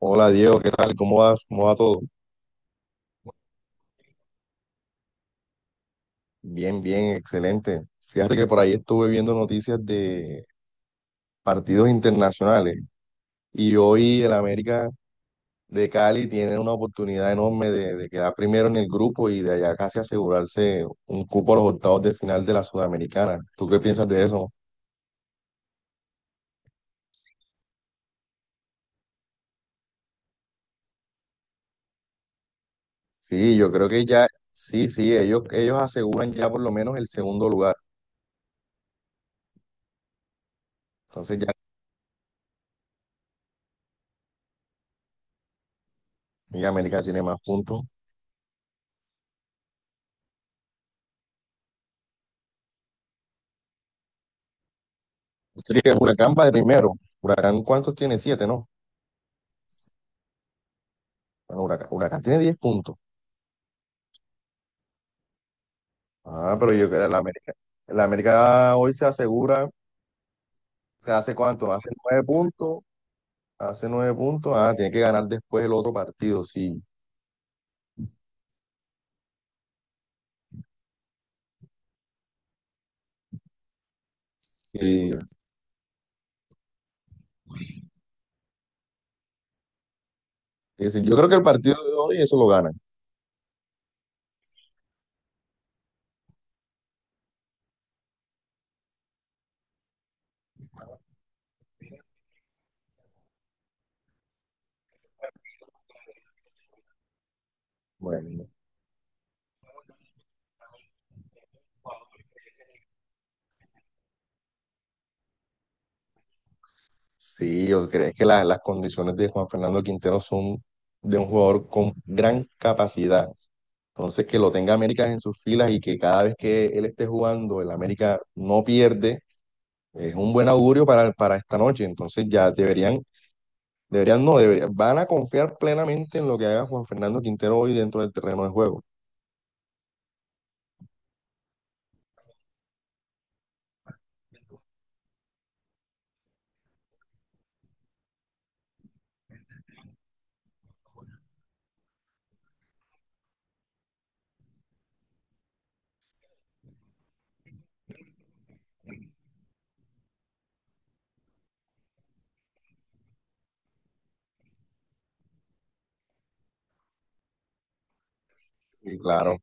Hola Diego, ¿qué tal? ¿Cómo vas? ¿Cómo va todo? Bien, bien, excelente. Fíjate que por ahí estuve viendo noticias de partidos internacionales y hoy el América de Cali tiene una oportunidad enorme de quedar primero en el grupo y de allá casi asegurarse un cupo a los octavos de final de la Sudamericana. ¿Tú qué piensas de eso? Sí, yo creo que ya, sí, sí, ellos aseguran ya por lo menos el segundo lugar. Entonces ya América tiene más puntos. Sería que Huracán va de primero. Huracán, ¿cuántos tiene? Siete, ¿no? Bueno, Huracán tiene 10 puntos. Ah, pero yo creo que la América hoy se asegura, ¿se hace cuánto? Hace 9 puntos, hace 9 puntos. Ah, tiene que ganar después el otro partido, sí. Sí, sí. Sí. Yo creo que el partido de hoy eso lo ganan. Bueno, sí, yo creo que las condiciones de Juan Fernando Quintero son de un jugador con gran capacidad. Entonces, que lo tenga América en sus filas y que cada vez que él esté jugando, el América no pierde, es un buen augurio para esta noche. Entonces, ya deberían. Deberían, no, deberían, van a confiar plenamente en lo que haga Juan Fernando Quintero hoy dentro del terreno de juego. Y claro,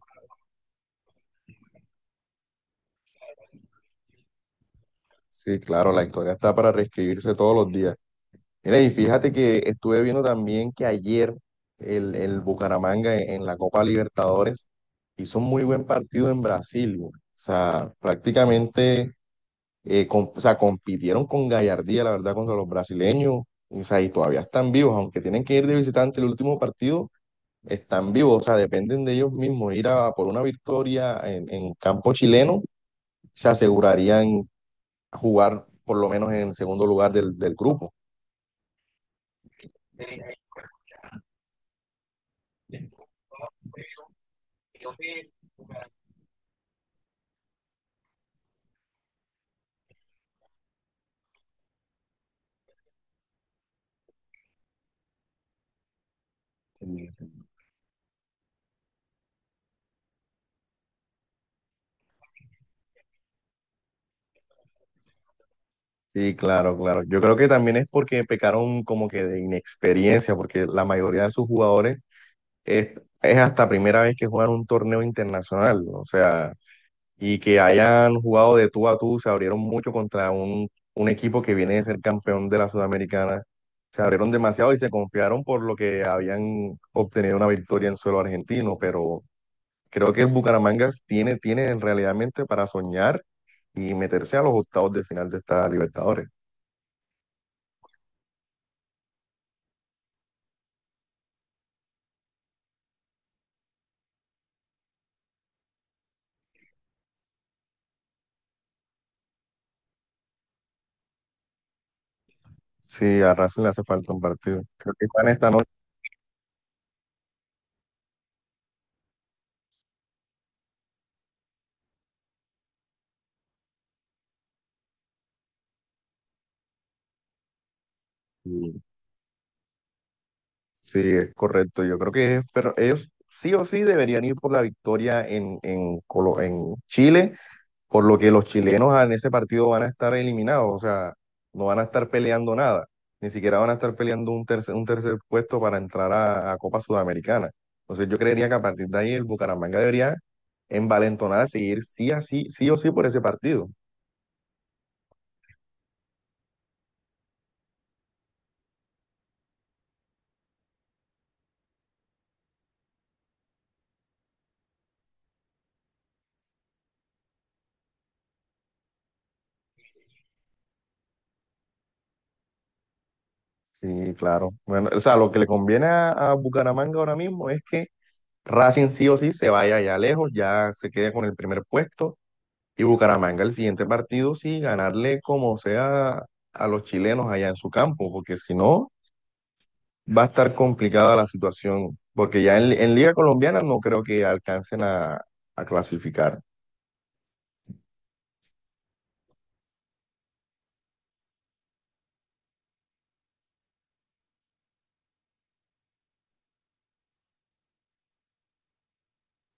sí, claro, la historia está para reescribirse todos los días. Mira, y fíjate que estuve viendo también que ayer el Bucaramanga en la Copa Libertadores hizo un muy buen partido en Brasil, güey. O sea, prácticamente, o sea, compitieron con gallardía, la verdad, contra los brasileños. O sea, y todavía están vivos, aunque tienen que ir de visitante el último partido están vivos, o sea, dependen de ellos mismos. Ir a por una victoria en campo chileno, se asegurarían jugar por lo menos en el segundo lugar del grupo. Sí, claro, claro. Yo creo que también es porque pecaron como que de inexperiencia, porque la mayoría de sus jugadores es, es hasta primera vez que juegan un torneo internacional, ¿no? O sea, y que hayan jugado de tú a tú, se abrieron mucho contra un equipo que viene de ser campeón de la Sudamericana. Se abrieron demasiado y se confiaron por lo que habían obtenido una victoria en suelo argentino, pero creo que el Bucaramanga tiene realmente para soñar y meterse a los octavos de final de esta Libertadores. Sí, a Racing le hace falta un partido. Creo que van esta noche. y Sí, es correcto. Yo creo que pero ellos sí o sí deberían ir por la victoria en Chile por lo que los chilenos en ese partido van a estar eliminados, o sea, no van a estar peleando nada, ni siquiera van a estar peleando un tercer puesto para entrar a Copa Sudamericana. Entonces yo creería que a partir de ahí el Bucaramanga debería envalentonarse y ir sí, a sí, sí o sí por ese partido. Sí, claro. Bueno, o sea, lo que le conviene a Bucaramanga ahora mismo es que Racing sí o sí se vaya allá lejos, ya se quede con el primer puesto. Y Bucaramanga el siguiente partido sí, ganarle como sea a los chilenos allá en su campo, porque si no, va a estar complicada la situación, porque ya en Liga Colombiana no creo que alcancen a clasificar.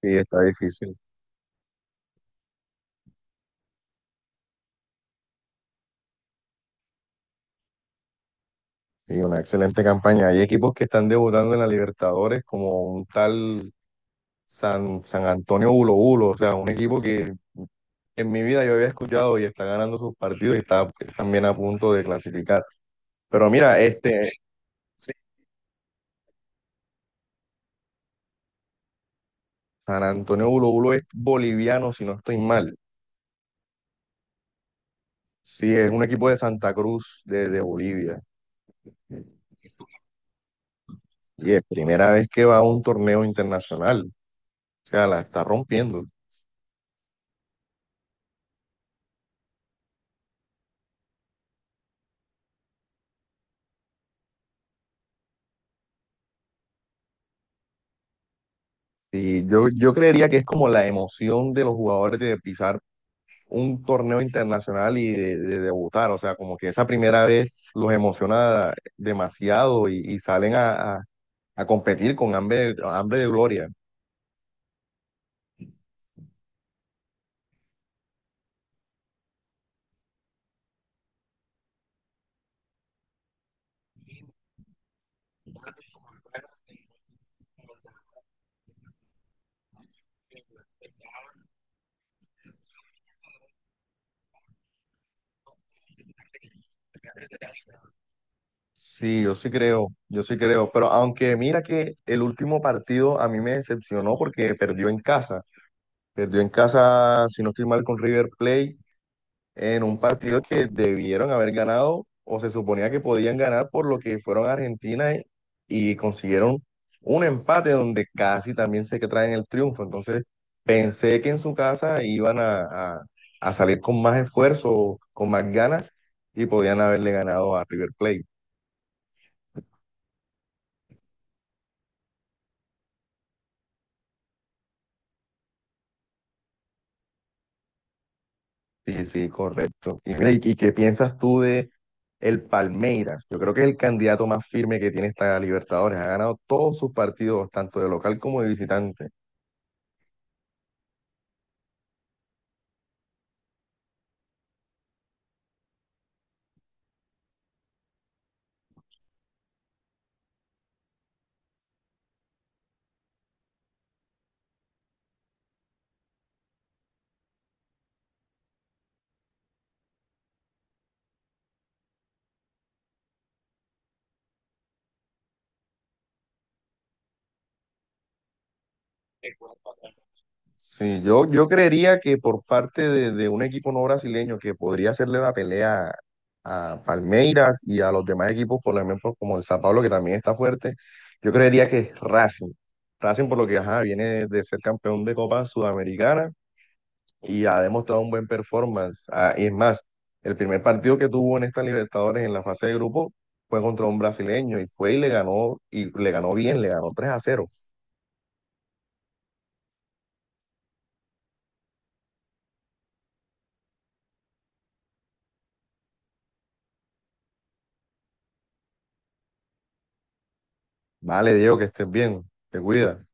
Sí, está difícil. Sí, una excelente campaña. Hay equipos que están debutando en la Libertadores, como un tal San Antonio Bulo Bulo, o sea, un equipo que en mi vida yo había escuchado y está ganando sus partidos y está también a punto de clasificar. Pero mira, San Antonio Bulo Bulo es boliviano, si no estoy mal. Sí, es un equipo de Santa Cruz, de Bolivia. Y es primera vez que va a un torneo internacional. O sea, la está rompiendo. Y yo creería que es como la emoción de los jugadores de pisar un torneo internacional y de debutar. O sea, como que esa primera vez los emociona demasiado y salen a competir con hambre, hambre de gloria. Sí, yo sí creo, pero aunque mira que el último partido a mí me decepcionó porque perdió en casa, si no estoy mal, con River Plate, en un partido que debieron haber ganado o se suponía que podían ganar por lo que fueron a Argentina y consiguieron un empate donde casi también se que traen el triunfo, entonces pensé que en su casa iban a salir con más esfuerzo, con más ganas y podían haberle ganado a River Plate. Sí, sí, correcto. Y, mira, ¿y qué piensas tú de el Palmeiras? Yo creo que es el candidato más firme que tiene esta Libertadores. Ha ganado todos sus partidos, tanto de local como de visitante. Sí, yo creería que por parte de un equipo no brasileño que podría hacerle la pelea a Palmeiras y a los demás equipos, por ejemplo, como el San Pablo, que también está fuerte, yo creería que es Racing. Racing, por lo que ajá, viene de ser campeón de Copa Sudamericana y ha demostrado un buen performance. Ah, y es más, el primer partido que tuvo en esta Libertadores en la fase de grupo fue contra un brasileño y fue y le ganó bien, le ganó 3-0. Vale, Diego, que estés bien, te cuida.